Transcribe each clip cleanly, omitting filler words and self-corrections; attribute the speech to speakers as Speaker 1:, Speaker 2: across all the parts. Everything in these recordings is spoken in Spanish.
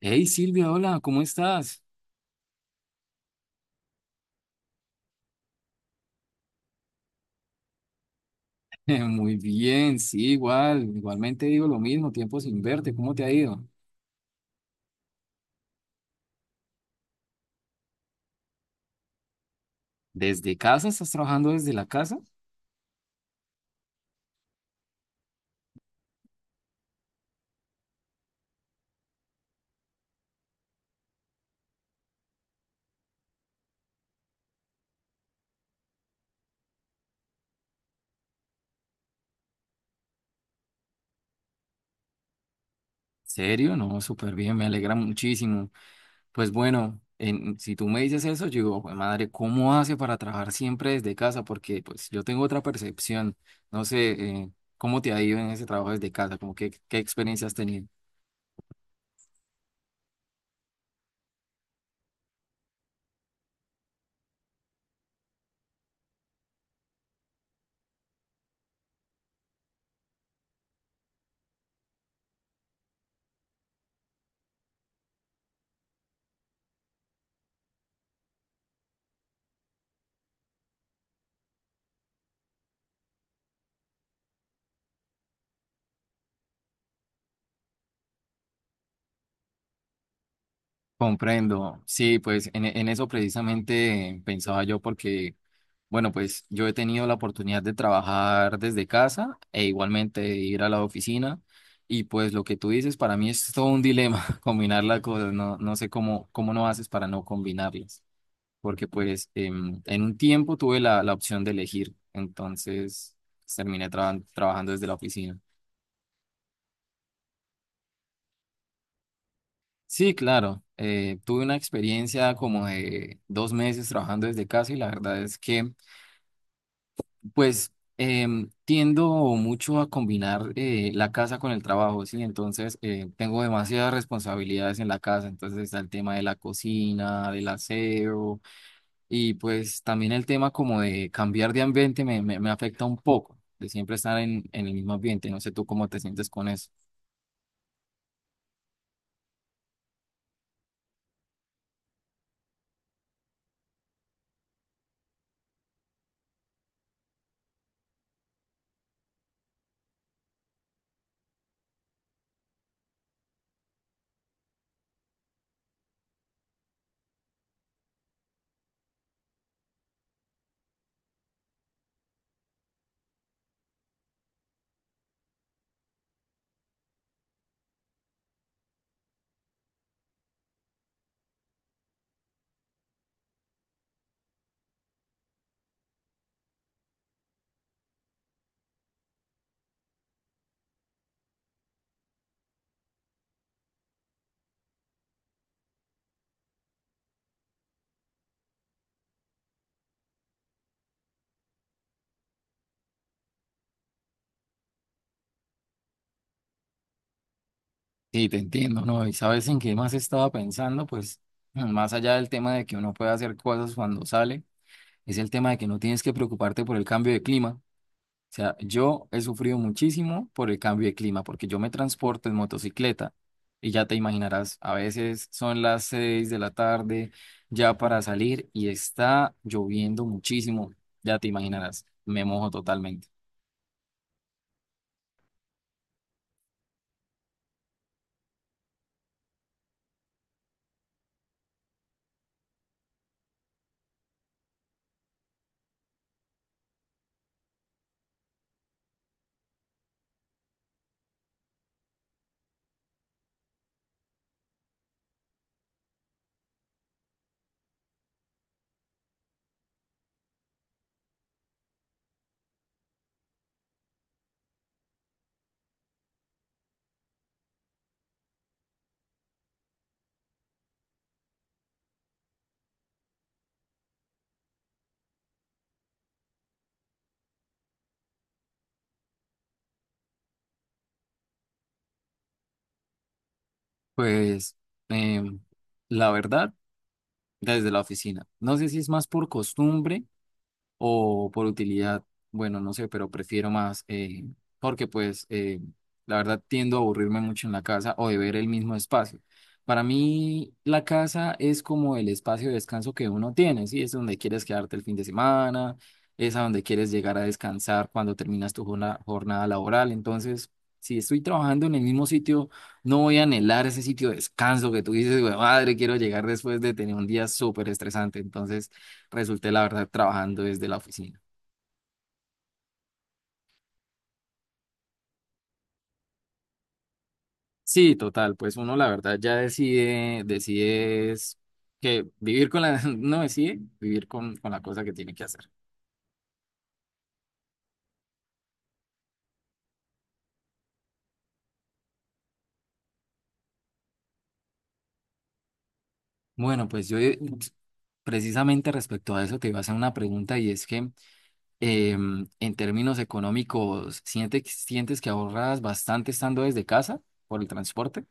Speaker 1: Hey Silvia, hola, ¿cómo estás? Muy bien, sí, igualmente digo lo mismo, tiempo sin verte, ¿cómo te ha ido? ¿Desde casa? ¿Estás trabajando desde la casa? ¿Serio? No, súper bien, me alegra muchísimo. Pues bueno, si tú me dices eso, yo digo, "Jue madre, ¿cómo hace para trabajar siempre desde casa?" Porque pues yo tengo otra percepción, no sé, eh, ¿cómo te ha ido en ese trabajo desde casa? ¿Cómo qué experiencia has tenido? Comprendo, sí, pues en eso precisamente pensaba yo porque bueno, pues yo he tenido la oportunidad de trabajar desde casa e igualmente de ir a la oficina y pues lo que tú dices para mí es todo un dilema combinar las cosas, no sé cómo no haces para no combinarlas, porque pues en un tiempo tuve la opción de elegir, entonces terminé trabajando desde la oficina. Sí, claro, tuve una experiencia como de dos meses trabajando desde casa y la verdad es que... Pues tiendo mucho a combinar la casa con el trabajo, ¿sí? Entonces tengo demasiadas responsabilidades en la casa, entonces está el tema de la cocina, del aseo y pues también el tema como de cambiar de ambiente me afecta un poco, de siempre estar en el mismo ambiente, no sé tú cómo te sientes con eso. Sí, te entiendo, ¿no? Y sabes en qué más estaba pensando, pues más allá del tema de que uno puede hacer cosas cuando sale, es el tema de que no tienes que preocuparte por el cambio de clima. O sea, yo he sufrido muchísimo por el cambio de clima, porque yo me transporto en motocicleta y ya te imaginarás, a veces son las 6 de la tarde ya para salir y está lloviendo muchísimo, ya te imaginarás, me mojo totalmente. Pues em, la verdad, desde la oficina, no sé si es más por costumbre o por utilidad, bueno, no sé, pero prefiero más, porque pues la verdad tiendo a aburrirme mucho en la casa o de ver el mismo espacio. Para mí la casa es como el espacio de descanso que uno tiene, ¿sí? Es donde quieres quedarte el fin de semana, es a donde quieres llegar a descansar cuando terminas tu jornada laboral. Entonces, si estoy trabajando en el mismo sitio, no voy a anhelar ese sitio de descanso que tú dices, "Güey, madre, quiero llegar después de tener un día súper estresante." Entonces, resulté la verdad trabajando desde la oficina. Sí, total, pues uno la verdad ya decide es que vivir con la, no decide vivir con la cosa que tiene que hacer. Bueno, pues yo precisamente respecto a eso te iba a hacer una pregunta y es que en términos económicos, sientes que ahorras bastante estando desde casa por el transporte?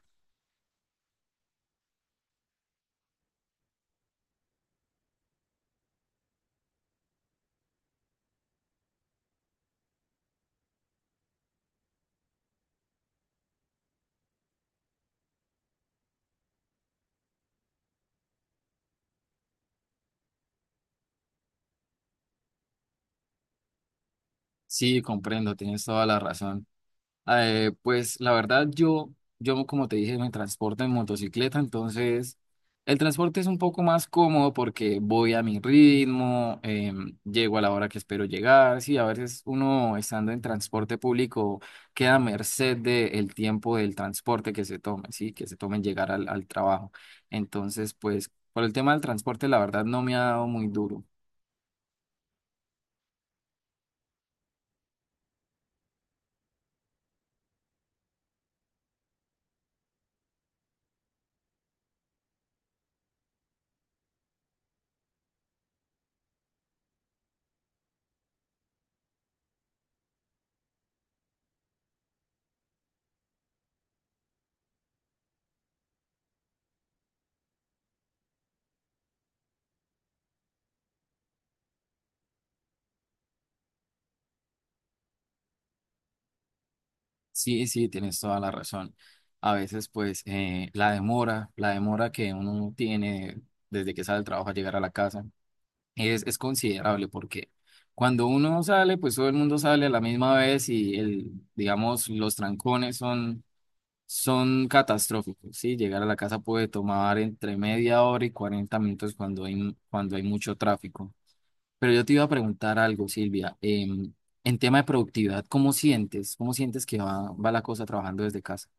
Speaker 1: Sí, comprendo, tienes toda la razón. Pues la verdad, yo como te dije, me transporto en motocicleta, entonces el transporte es un poco más cómodo porque voy a mi ritmo, llego a la hora que espero llegar. Sí, a veces uno estando en transporte público queda a merced del tiempo del transporte que se tome, sí, que se tome en llegar al trabajo. Entonces, pues por el tema del transporte, la verdad no me ha dado muy duro. Sí, sí, tienes toda la razón. A veces, pues, la demora que uno tiene desde que sale del trabajo a llegar a la casa es considerable porque cuando uno sale, pues todo el mundo sale a la misma vez y el, digamos, los trancones son catastróficos, ¿sí? Llegar a la casa puede tomar entre media hora y 40 minutos cuando cuando hay mucho tráfico. Pero yo te iba a preguntar algo, Silvia. En tema de productividad, ¿cómo sientes? ¿Cómo sientes que va la cosa trabajando desde casa?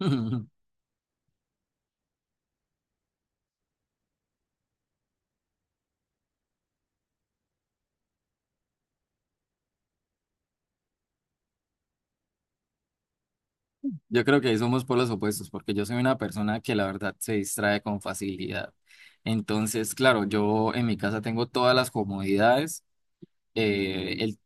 Speaker 1: Yo creo que ahí somos polos opuestos, porque yo soy una persona que la verdad se distrae con facilidad. Entonces, claro, yo en mi casa tengo todas las comodidades. El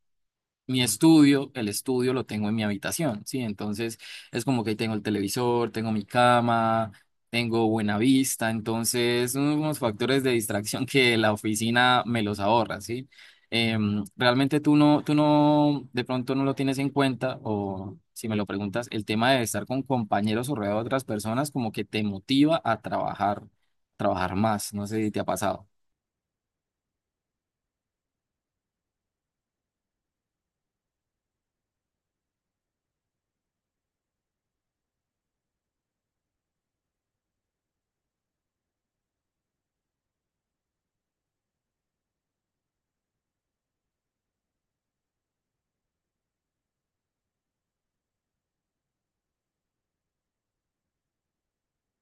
Speaker 1: Mi estudio, el estudio lo tengo en mi habitación, ¿sí? Entonces es como que ahí tengo el televisor, tengo mi cama, tengo buena vista, entonces son unos factores de distracción que la oficina me los ahorra, ¿sí? Realmente tú no, de pronto no lo tienes en cuenta o si me lo preguntas, el tema de estar con compañeros o rodeado de otras personas como que te motiva a trabajar más, no sé si te ha pasado.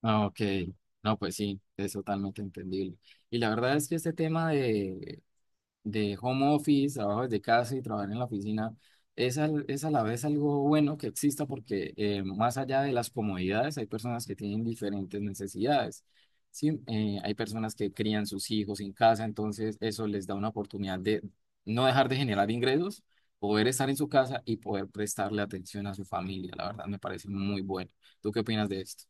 Speaker 1: Ah, ok, no, pues sí, es totalmente entendible. Y la verdad es que este tema de home office, trabajo desde casa y trabajar en la oficina, es a la vez algo bueno que exista porque más allá de las comodidades, hay personas que tienen diferentes necesidades. Sí, eh, hay personas que crían sus hijos en casa, entonces eso les da una oportunidad de no dejar de generar ingresos, poder estar en su casa y poder prestarle atención a su familia. La verdad me parece muy bueno. ¿Tú qué opinas de esto?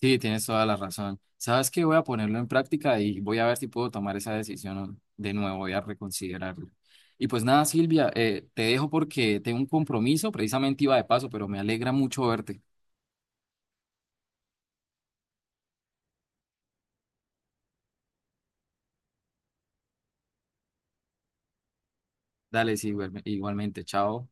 Speaker 1: Sí, tienes toda la razón. Sabes que voy a ponerlo en práctica y voy a ver si puedo tomar esa decisión de nuevo, voy a reconsiderarlo. Y pues nada, Silvia, te dejo porque tengo un compromiso, precisamente iba de paso, pero me alegra mucho verte. Dale, sí, igualmente, chao.